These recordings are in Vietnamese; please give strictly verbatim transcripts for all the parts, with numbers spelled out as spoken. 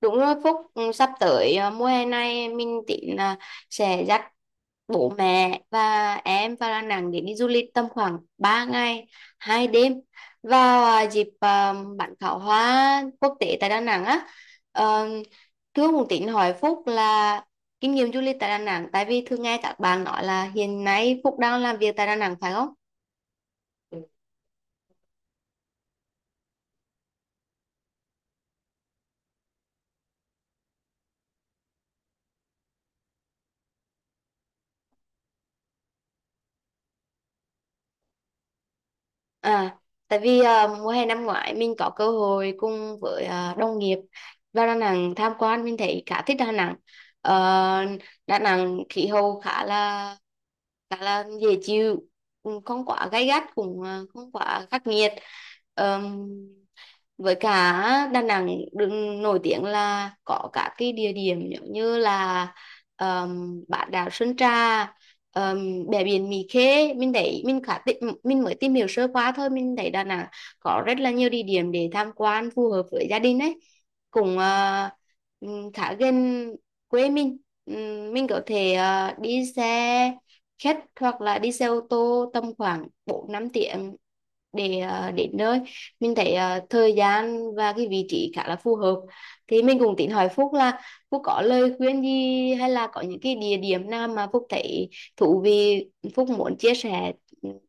Đúng rồi Phúc, ừ, sắp tới à, mùa hè này mình tính là sẽ dắt bố mẹ và em vào Đà Nẵng để đi du lịch tầm khoảng ba ngày, hai đêm vào à, dịp à, bắn pháo hoa quốc tế tại Đà Nẵng á. Ờ, Thương cũng tính hỏi Phúc là kinh nghiệm du lịch tại Đà Nẵng, tại vì thường nghe các bạn nói là hiện nay Phúc đang làm việc tại Đà Nẵng phải không? À, tại vì à, mùa hè năm ngoái mình có cơ hội cùng với à, đồng nghiệp vào Đà Nẵng tham quan, mình thấy khá thích Đà Nẵng. Ờ, Đà Nẵng khí hậu khá là khá là dễ chịu, cũng không quá gay gắt, cũng ờ, không quá khắc nghiệt. Ờm, với cả Đà Nẵng được nổi tiếng là có cả cái địa điểm giống như là um, bán đảo Sơn Trà, um, bãi biển Mỹ Khê. Mình thấy mình khá tìm, mình mới tìm hiểu sơ qua thôi, mình thấy Đà Nẵng có rất là nhiều địa điểm để tham quan phù hợp với gia đình ấy, cũng ờ, ừm, khá gần quê mình. Ừm, mình có thể ờ, đi xe khách hoặc là đi xe ô tô tầm khoảng bốn năm tiếng để ờ, đến nơi. Mình thấy ờ, thời gian và cái vị trí khá là phù hợp, thì mình cũng tính hỏi Phúc là Phúc có lời khuyên gì hay là có những cái địa điểm nào mà Phúc thấy thú vị, Phúc muốn chia sẻ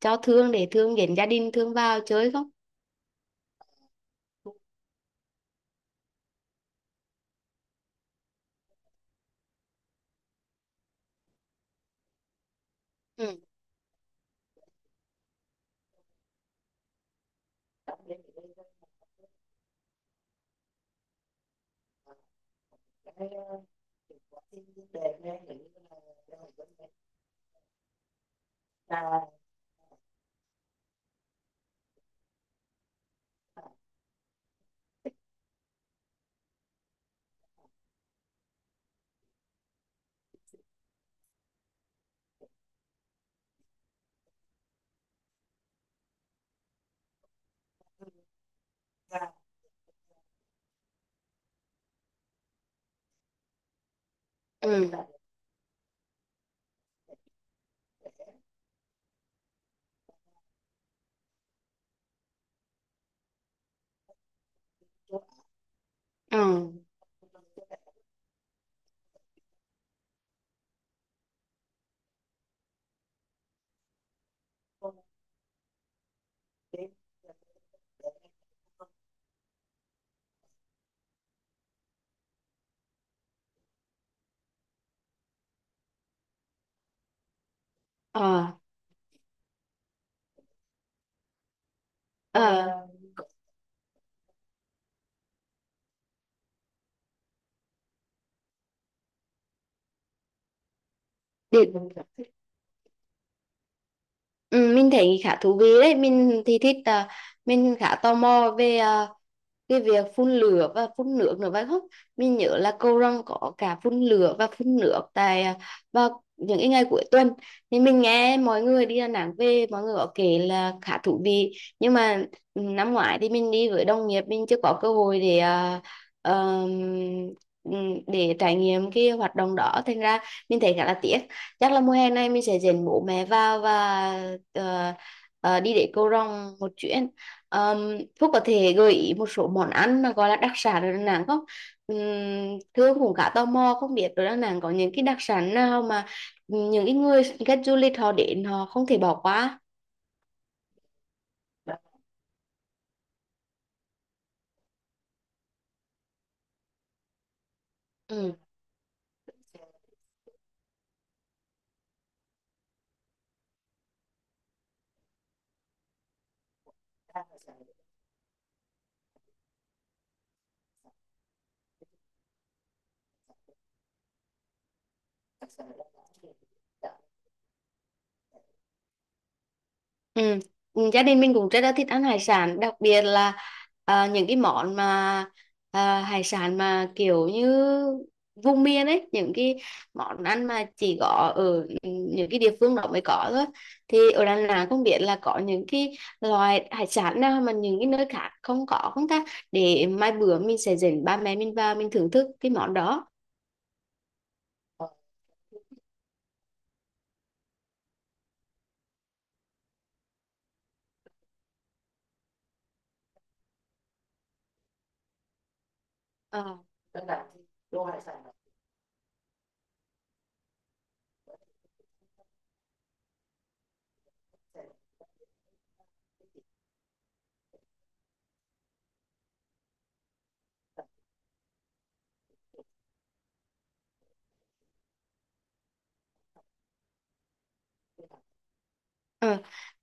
cho Thương để Thương đến gia đình Thương vào chơi không? Ừ. Ừ. Ừ. Ờ. Ờ. Điện. Ừ, mình thấy khá thú vị đấy, mình thì thích ờ, mình khá tò mò về ờ, cái việc phun lửa và phun nước nữa phải không? Mình nhớ là cầu răng có cả phun lửa và phun nước tại à, vào những cái ngày cuối tuần, thì mình nghe mọi người đi Đà Nẵng về mọi người có kể là khá thú vị. Nhưng mà năm ngoái thì mình đi với đồng nghiệp, mình chưa có cơ hội để à, ờm, để trải nghiệm cái hoạt động đó, thành ra mình thấy khá là tiếc. Chắc là mùa hè này mình sẽ dẫn bố mẹ vào và ờ, ờ, đi để cầu răng một chuyến. Um, Phúc có thể gợi ý một số món ăn mà gọi là đặc sản ở Đà Nẵng không? Um, Thương cũng khá tò mò không biết ở Đà Nẵng có những cái đặc sản nào mà những cái người khách du lịch họ đến họ không thể bỏ qua. Ừ. Ừ. Ừ, gia đình mình cũng rất là thích ăn hải sản, đặc biệt là à, những cái món mà à, hải sản mà kiểu như vùng miền ấy, những cái món ăn mà chỉ có ở ừ, những cái địa phương đó mới có thôi. Thì ở Đà Nẵng không biết là có những cái loại hải sản nào mà những cái nơi khác không có không ta, để mai bữa mình sẽ dẫn ba mẹ mình vào, mình thưởng thức cái món đó. Ờ. Ờ,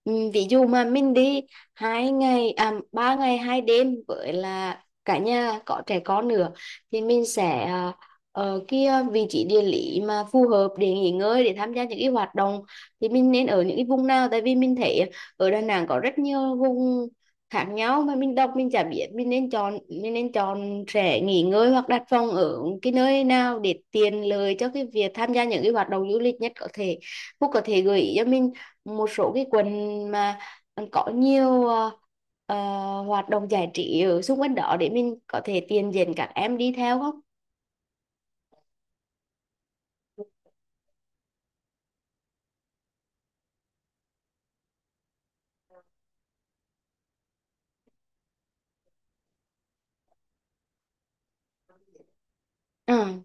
ừ, ví dụ mà mình đi hai ngày à, ba ngày hai đêm với là cả nhà có trẻ con nữa, thì mình sẽ à, ở kia vị trí địa lý mà phù hợp để nghỉ ngơi, để tham gia những cái hoạt động thì mình nên ở những cái vùng nào, tại vì mình thấy ở Đà Nẵng có rất nhiều vùng khác nhau mà mình đọc mình chả biết mình nên chọn mình nên chọn trẻ nghỉ ngơi hoặc đặt phòng ở cái nơi nào để tiện lợi cho cái việc tham gia những cái hoạt động du lịch nhất có thể. Phúc có thể gợi ý cho mình một số cái quận mà có nhiều ờ, ờ, hoạt động giải trí ở xung quanh đó để mình có thể tiền dẫn các em đi theo không? Ừ.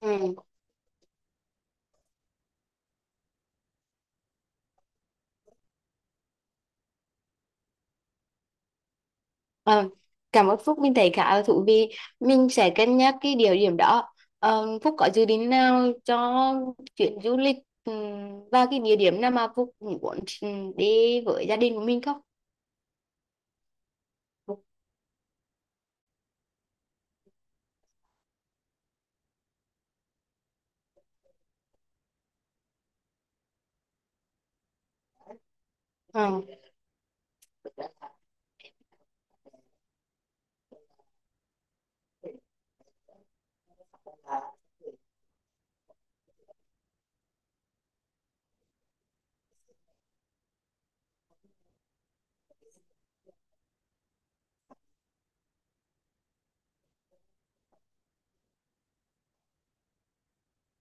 Ừ. ờ, Cảm ơn Phúc, mình thấy khá là thú vị. Mình sẽ cân nhắc cái địa điểm đó. Ờ, Phúc có dự định nào cho chuyến du lịch ừm, và cái địa điểm nào mà Phúc muốn ừm, đi với gia đình của mình không? Ừ.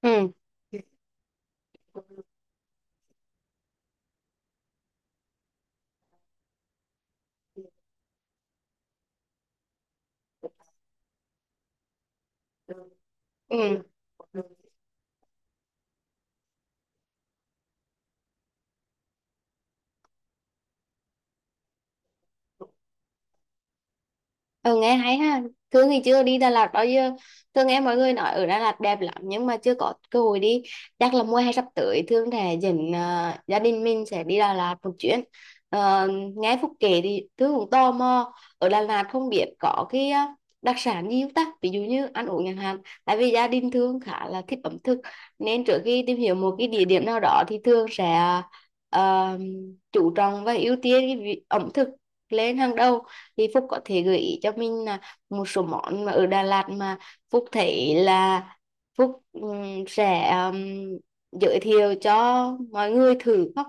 Ừ. Ừ. Ừ, nghe hay ha. Thương thì chưa đi Đà Lạt bao giờ. Thương nghe mọi người nói ở Đà Lạt đẹp lắm nhưng mà chưa có cơ hội đi. Chắc là mùa hè sắp tới Thương sẽ dẫn ờ, gia đình mình sẽ đi Đà Lạt một chuyến. Ờ, Nghe Phúc kể thì Thương cũng tò mò. Ở Đà Lạt không biết có cái ờ, đặc sản gì không ta? Ví dụ như ăn uống chẳng hạn. Tại vì gia đình Thương khá là thích ẩm thực nên trước khi tìm hiểu một cái địa điểm nào đó thì Thương sẽ ờ, chú trọng và ưu tiên cái vị- ẩm thực lên hàng đầu, thì Phúc có thể gợi ý cho mình là một số món mà ở Đà Lạt mà Phúc thấy là Phúc ừm, sẽ ừm, giới thiệu cho mọi người thử không?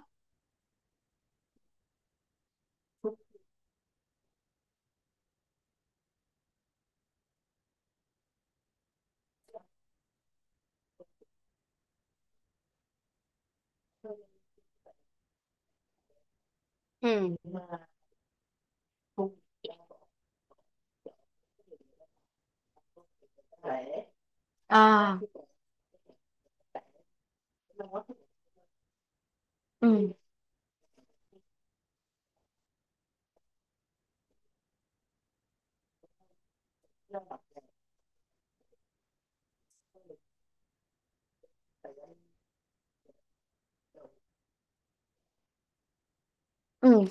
Phúc- Ừ. Phúc- à ừ. Ừ,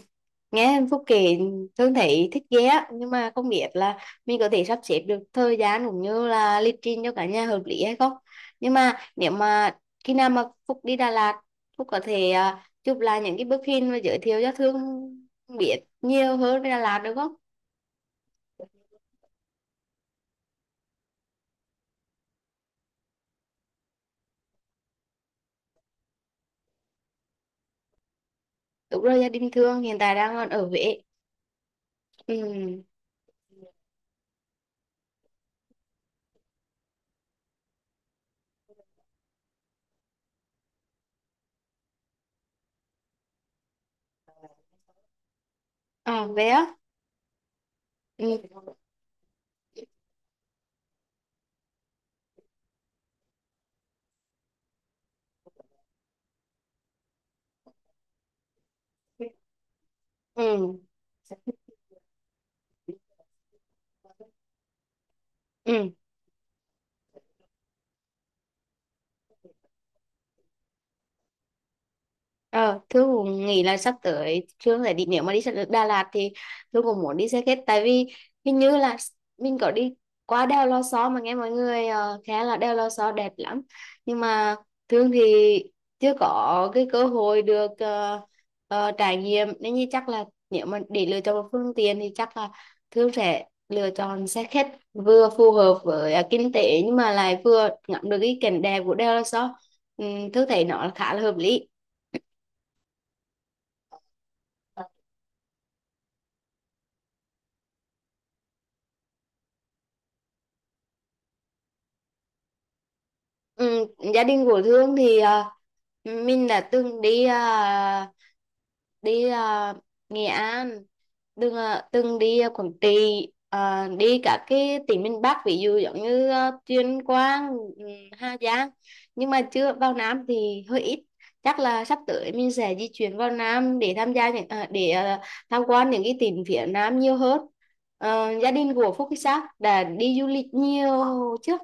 nghe Phúc kể Thương thấy thích ghê á, nhưng mà không biết là mình có thể sắp xếp được thời gian cũng như là lịch trình cho cả nhà hợp lý hay không. Nhưng mà nếu mà khi nào mà Phúc đi Đà Lạt, Phúc có thể à, chụp lại những cái bức hình và giới thiệu cho Thương biết nhiều hơn về Đà Lạt được không? Đúng rồi, gia đình Thương hiện tại đang còn ở Huế. Ừ. À, Huế á. Ừ. Ừ. Ừ. Ờ, Thương cũng nghĩ là sắp tới Thương sẽ đi, nếu mà đi Sa- Đà Lạt thì Thương cũng muốn đi xe khách, tại vì hình như là mình có đi qua đèo Lò Xo mà nghe mọi người uh, khá là đèo Lò Xo đẹp lắm, nhưng mà Thương thì chưa có cái cơ hội được ờ, ờ, trải nghiệm. Nên như chắc là nếu mà để lựa chọn một phương tiện thì chắc là Thương sẽ lựa chọn xe khách, vừa phù hợp với ờ, kinh tế nhưng mà lại vừa ngắm được cái cảnh đẹp của đèo Lò Xo, ừ, Thương thấy nó khá là hợp lý. Ừ, gia đình của Thương thì à, mình đã từng đi à, đi à, Nghệ An, từng à, từng đi à, Quảng Trị, à, đi cả cái tỉnh miền Bắc ví dụ giống như à, Tuyên Quang, ừ, Hà Giang. Nhưng mà chưa vào Nam thì hơi ít. Chắc là sắp tới mình sẽ di chuyển vào Nam để tham gia những à, để à, tham quan những cái tỉnh phía Nam nhiều hơn. Ờ, gia đình của Phúc thì sao? Đã đi du lịch nhiều chưa?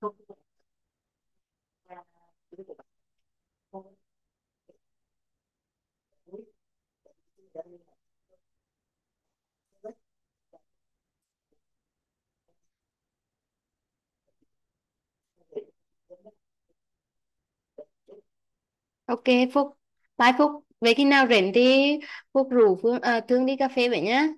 Ừ. Ok Phúc, bye Phúc. Vậy khi nào rảnh thì Phúc rủ Phương, à, Thương đi cà phê vậy nhá.